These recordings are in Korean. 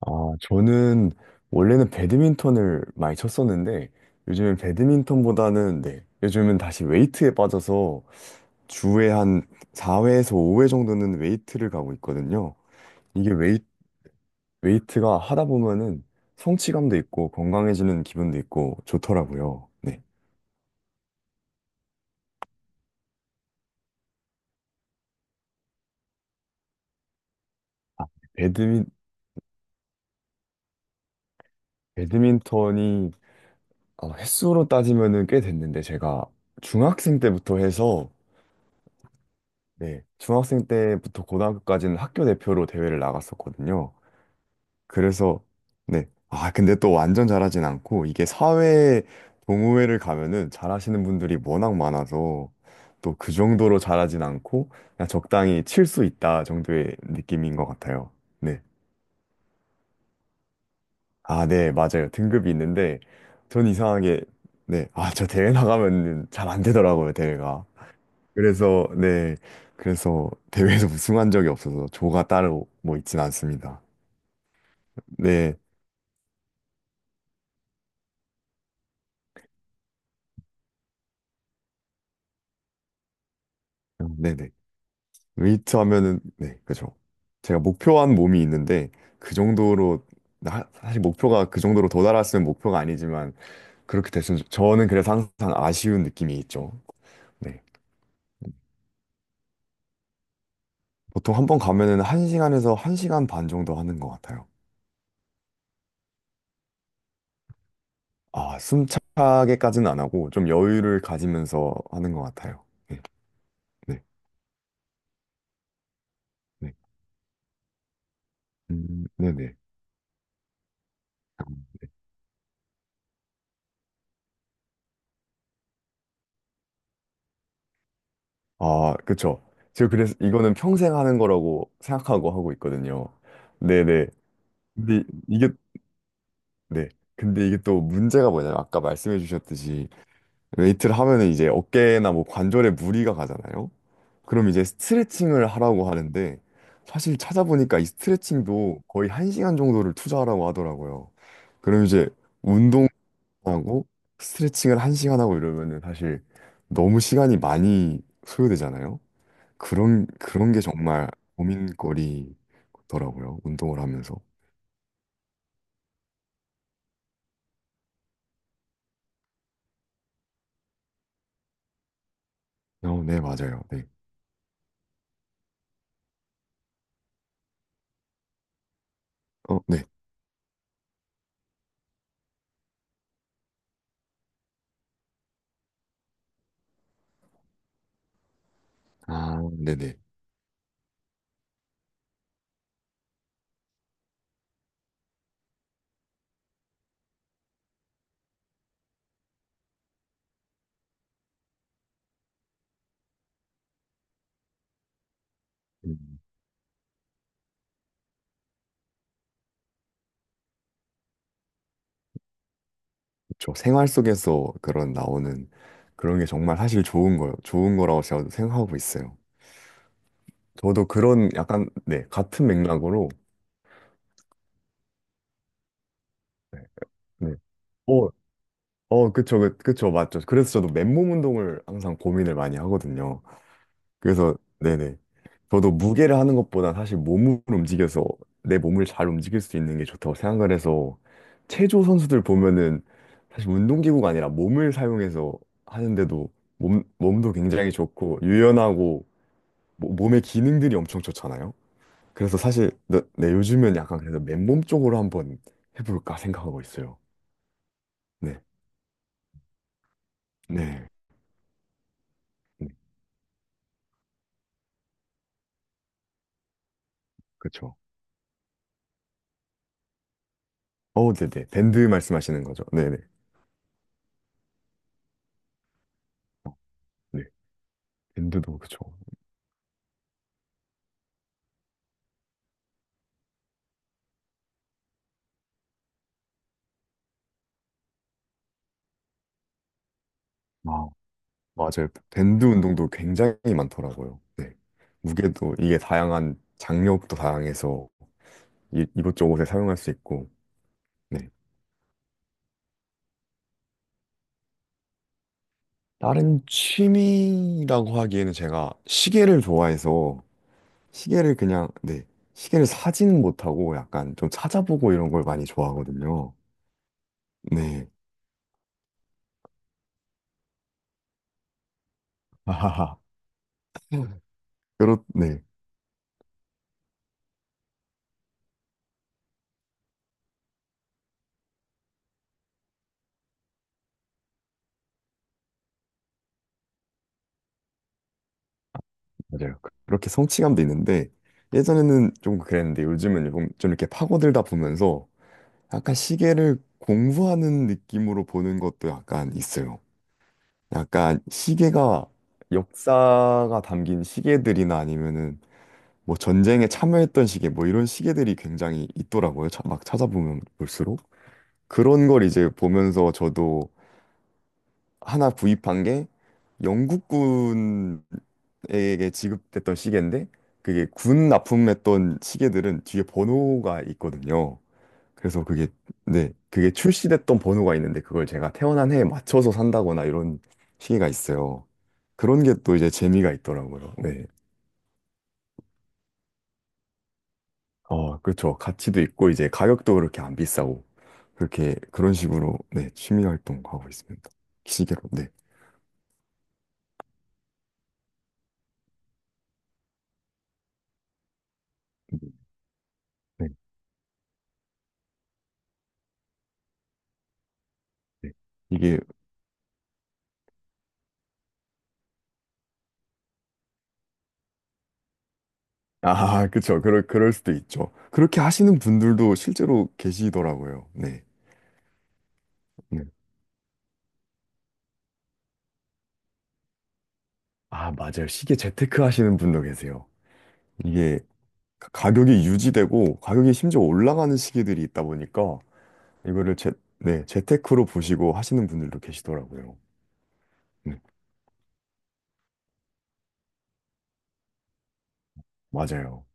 아, 저는 원래는 배드민턴을 많이 쳤었는데 요즘엔 배드민턴보다는 네, 요즘은 다시 웨이트에 빠져서 주에 한 4회에서 5회 정도는 웨이트를 가고 있거든요. 이게 웨이트가 하다 보면은 성취감도 있고 건강해지는 기분도 있고 좋더라고요. 네. 배드민, 배드민턴이 횟수로 따지면은 꽤 됐는데 제가 중학생 때부터 해서 네, 중학생 때부터 고등학교까지는 학교 대표로 대회를 나갔었거든요. 그래서, 네. 아, 근데 또 완전 잘하진 않고, 이게 사회 동호회를 가면은 잘하시는 분들이 워낙 많아서, 또 그 정도로 잘하진 않고, 그냥 적당히 칠 수 있다 정도의 느낌인 것 같아요. 네. 아, 네, 맞아요. 등급이 있는데, 전 이상하게, 네. 아, 저 대회 나가면 잘 안 되더라고요, 대회가. 그래서 네 그래서 대회에서 우승한 적이 없어서 조가 따로 뭐 있진 않습니다. 네, 네네. 웨이트 하면은 네 그죠. 제가 목표한 몸이 있는데 그 정도로 사실 목표가 그 정도로 도달했으면 목표가 아니지만 그렇게 됐으면 저는 그래서 항상 아쉬운 느낌이 있죠. 네. 보통 한 번 가면은 한 시간에서 한 시간 반 정도 하는 것 같아요. 아, 숨차게까지는 안 하고 좀 여유를 가지면서 하는 것 같아요. 네, 네, 네, 네네. 아, 그쵸. 제가 그래서 이거는 평생 하는 거라고 생각하고 하고 있거든요. 네네. 근데 이게, 네. 근데 이게 또 문제가 뭐냐면 아까 말씀해 주셨듯이 웨이트를 하면은 이제 어깨나 뭐 관절에 무리가 가잖아요. 그럼 이제 스트레칭을 하라고 하는데 사실 찾아보니까 이 스트레칭도 거의 한시간 정도를 투자하라고 하더라고요. 그럼 이제 운동하고 스트레칭을 한시간 하고 이러면은 사실 너무 시간이 많이 소요되잖아요. 그런 게 정말 고민거리더라고요. 운동을 하면서. 어, 네, 맞아요. 네. 어, 네. 아, 네네. 음, 그렇죠. 생활 속에서 그런 나오는 그런 게 정말 사실 좋은 거요. 좋은 거라고 제가 생각하고 있어요. 저도 그런 약간 네, 같은 맥락으로. 네. 네. 어, 어, 그쵸, 그, 그쵸, 맞죠. 그래서 저도 맨몸 운동을 항상 고민을 많이 하거든요. 그래서 네네. 저도 무게를 하는 것보다 사실 몸을 움직여서 내 몸을 잘 움직일 수 있는 게 좋다고 생각을 해서 체조 선수들 보면은 사실 운동기구가 아니라 몸을 사용해서 하는데도 몸도 굉장히 좋고 유연하고 몸의 기능들이 엄청 좋잖아요. 그래서 사실 네, 네, 요즘은 약간 그래서 맨몸 쪽으로 한번 해볼까 생각하고 있어요. 네, 네, 네, 그쵸. 어, 네네. 밴드 말씀하시는 거죠. 네네. 어, 네, 밴드도 그쵸. 맞아요. 밴드 운동도 굉장히 많더라고요. 네. 무게도 이게 다양한 장력도 다양해서 이, 이것저것에 사용할 수 있고. 네. 다른 취미라고 하기에는 제가 시계를 좋아해서 시계를 그냥 네. 시계를 사지는 못하고 약간 좀 찾아보고 이런 걸 많이 좋아하거든요. 네. 아하하. 그렇, 네, 맞아요. 그렇게 성취감도 있는데, 예전에는 좀 그랬는데, 요즘은 좀, 이렇게 파고들다 보면서 약간 시계를 공부하는 느낌으로 보는 것도 약간 있어요. 약간 시계가 역사가 담긴 시계들이나 아니면은 뭐 전쟁에 참여했던 시계 뭐 이런 시계들이 굉장히 있더라고요. 막 찾아보면 볼수록 그런 걸 이제 보면서 저도 하나 구입한 게 영국군에게 지급됐던 시계인데 그게 군 납품했던 시계들은 뒤에 번호가 있거든요. 그래서 그게 네 그게 출시됐던 번호가 있는데 그걸 제가 태어난 해에 맞춰서 산다거나 이런 시기가 있어요. 그런 게 또 이제 재미가 있더라고요. 네. 어, 그렇죠. 가치도 있고 이제 가격도 그렇게 안 비싸고 그렇게 그런 식으로 네 취미 활동하고 있습니다. 시계로 네. 네. 네. 이게. 아, 그렇죠. 그럴 수도 있죠. 그렇게 하시는 분들도 실제로 계시더라고요. 네. 네. 아, 맞아요. 시계 재테크 하시는 분도 계세요. 이게 가격이 유지되고 가격이 심지어 올라가는 시기들이 있다 보니까 이거를 재, 네, 재테크로 보시고 하시는 분들도 계시더라고요. 네, 맞아요.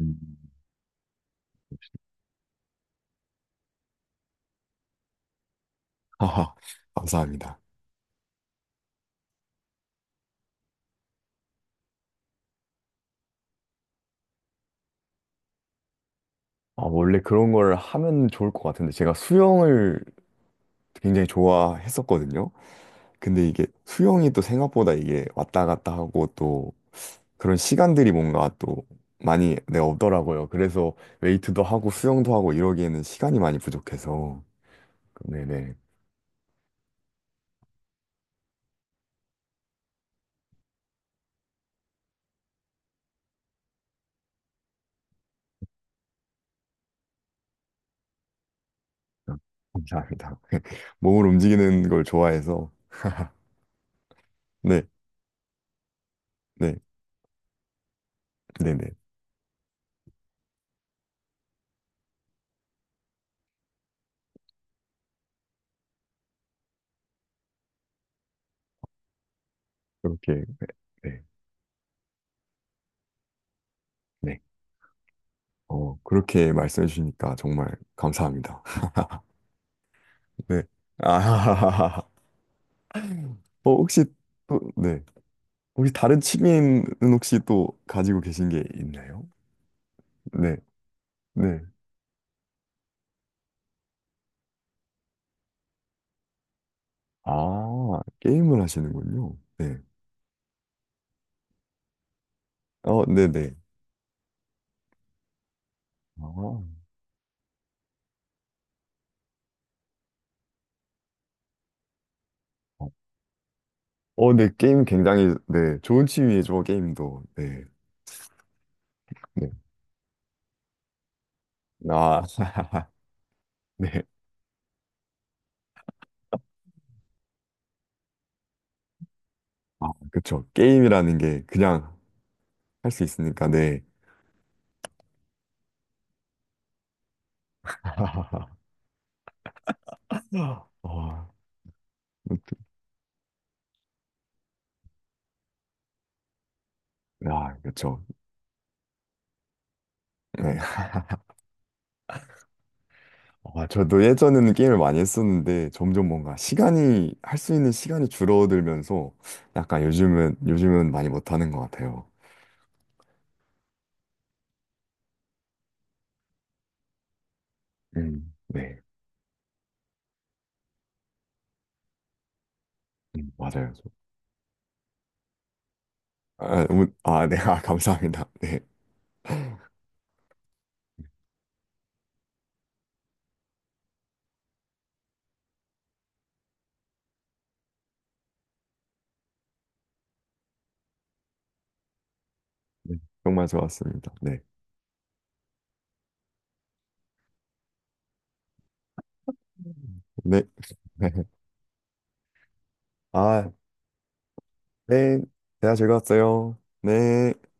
음. 하하, 감사합니다. 아, 원래 그런 걸 하면 좋을 것 같은데 제가 수영을 굉장히 좋아했었거든요. 근데 이게 수영이 또 생각보다 이게 왔다 갔다 하고 또 그런 시간들이 뭔가 또 많이 네, 없더라고요. 그래서 웨이트도 하고 수영도 하고 이러기에는 시간이 많이 부족해서 네네. 아, 감사합니다. 몸을 움직이는 걸 좋아해서, 네, 네, 네네. 그렇게, 네, 네. 어, 그렇게 말씀해 주시니까 정말 감사합니다. 네. 아, 어, 혹시 또, 네. 혹시 다른 취미는 혹시 또 가지고 계신 게 있나요? 네, 네. 아, 게임을 하시는군요. 네. 어, 네네. 아, 어, 어, 네, 게임 굉장히, 네, 좋은 취미죠, 게임도. 네, 네. 아, 네. 아, 그쵸. 게임이라는 게 그냥 할 수 있으니까, 네. 어, 아, 그쵸. 네. 아, 저도 예전에는 게임을 많이 했었는데, 점점 뭔가 시간이, 할 수 있는 시간이 줄어들면서, 약간 요즘은, 요즘은 많이 못하는 것 같아요. 네. 맞아요. 아, 아, 네. 아, 감사합니다. 네. 네. 정말 좋았습니다. 네. 음. 네. 아, 네. 대화 즐거웠어요. 네.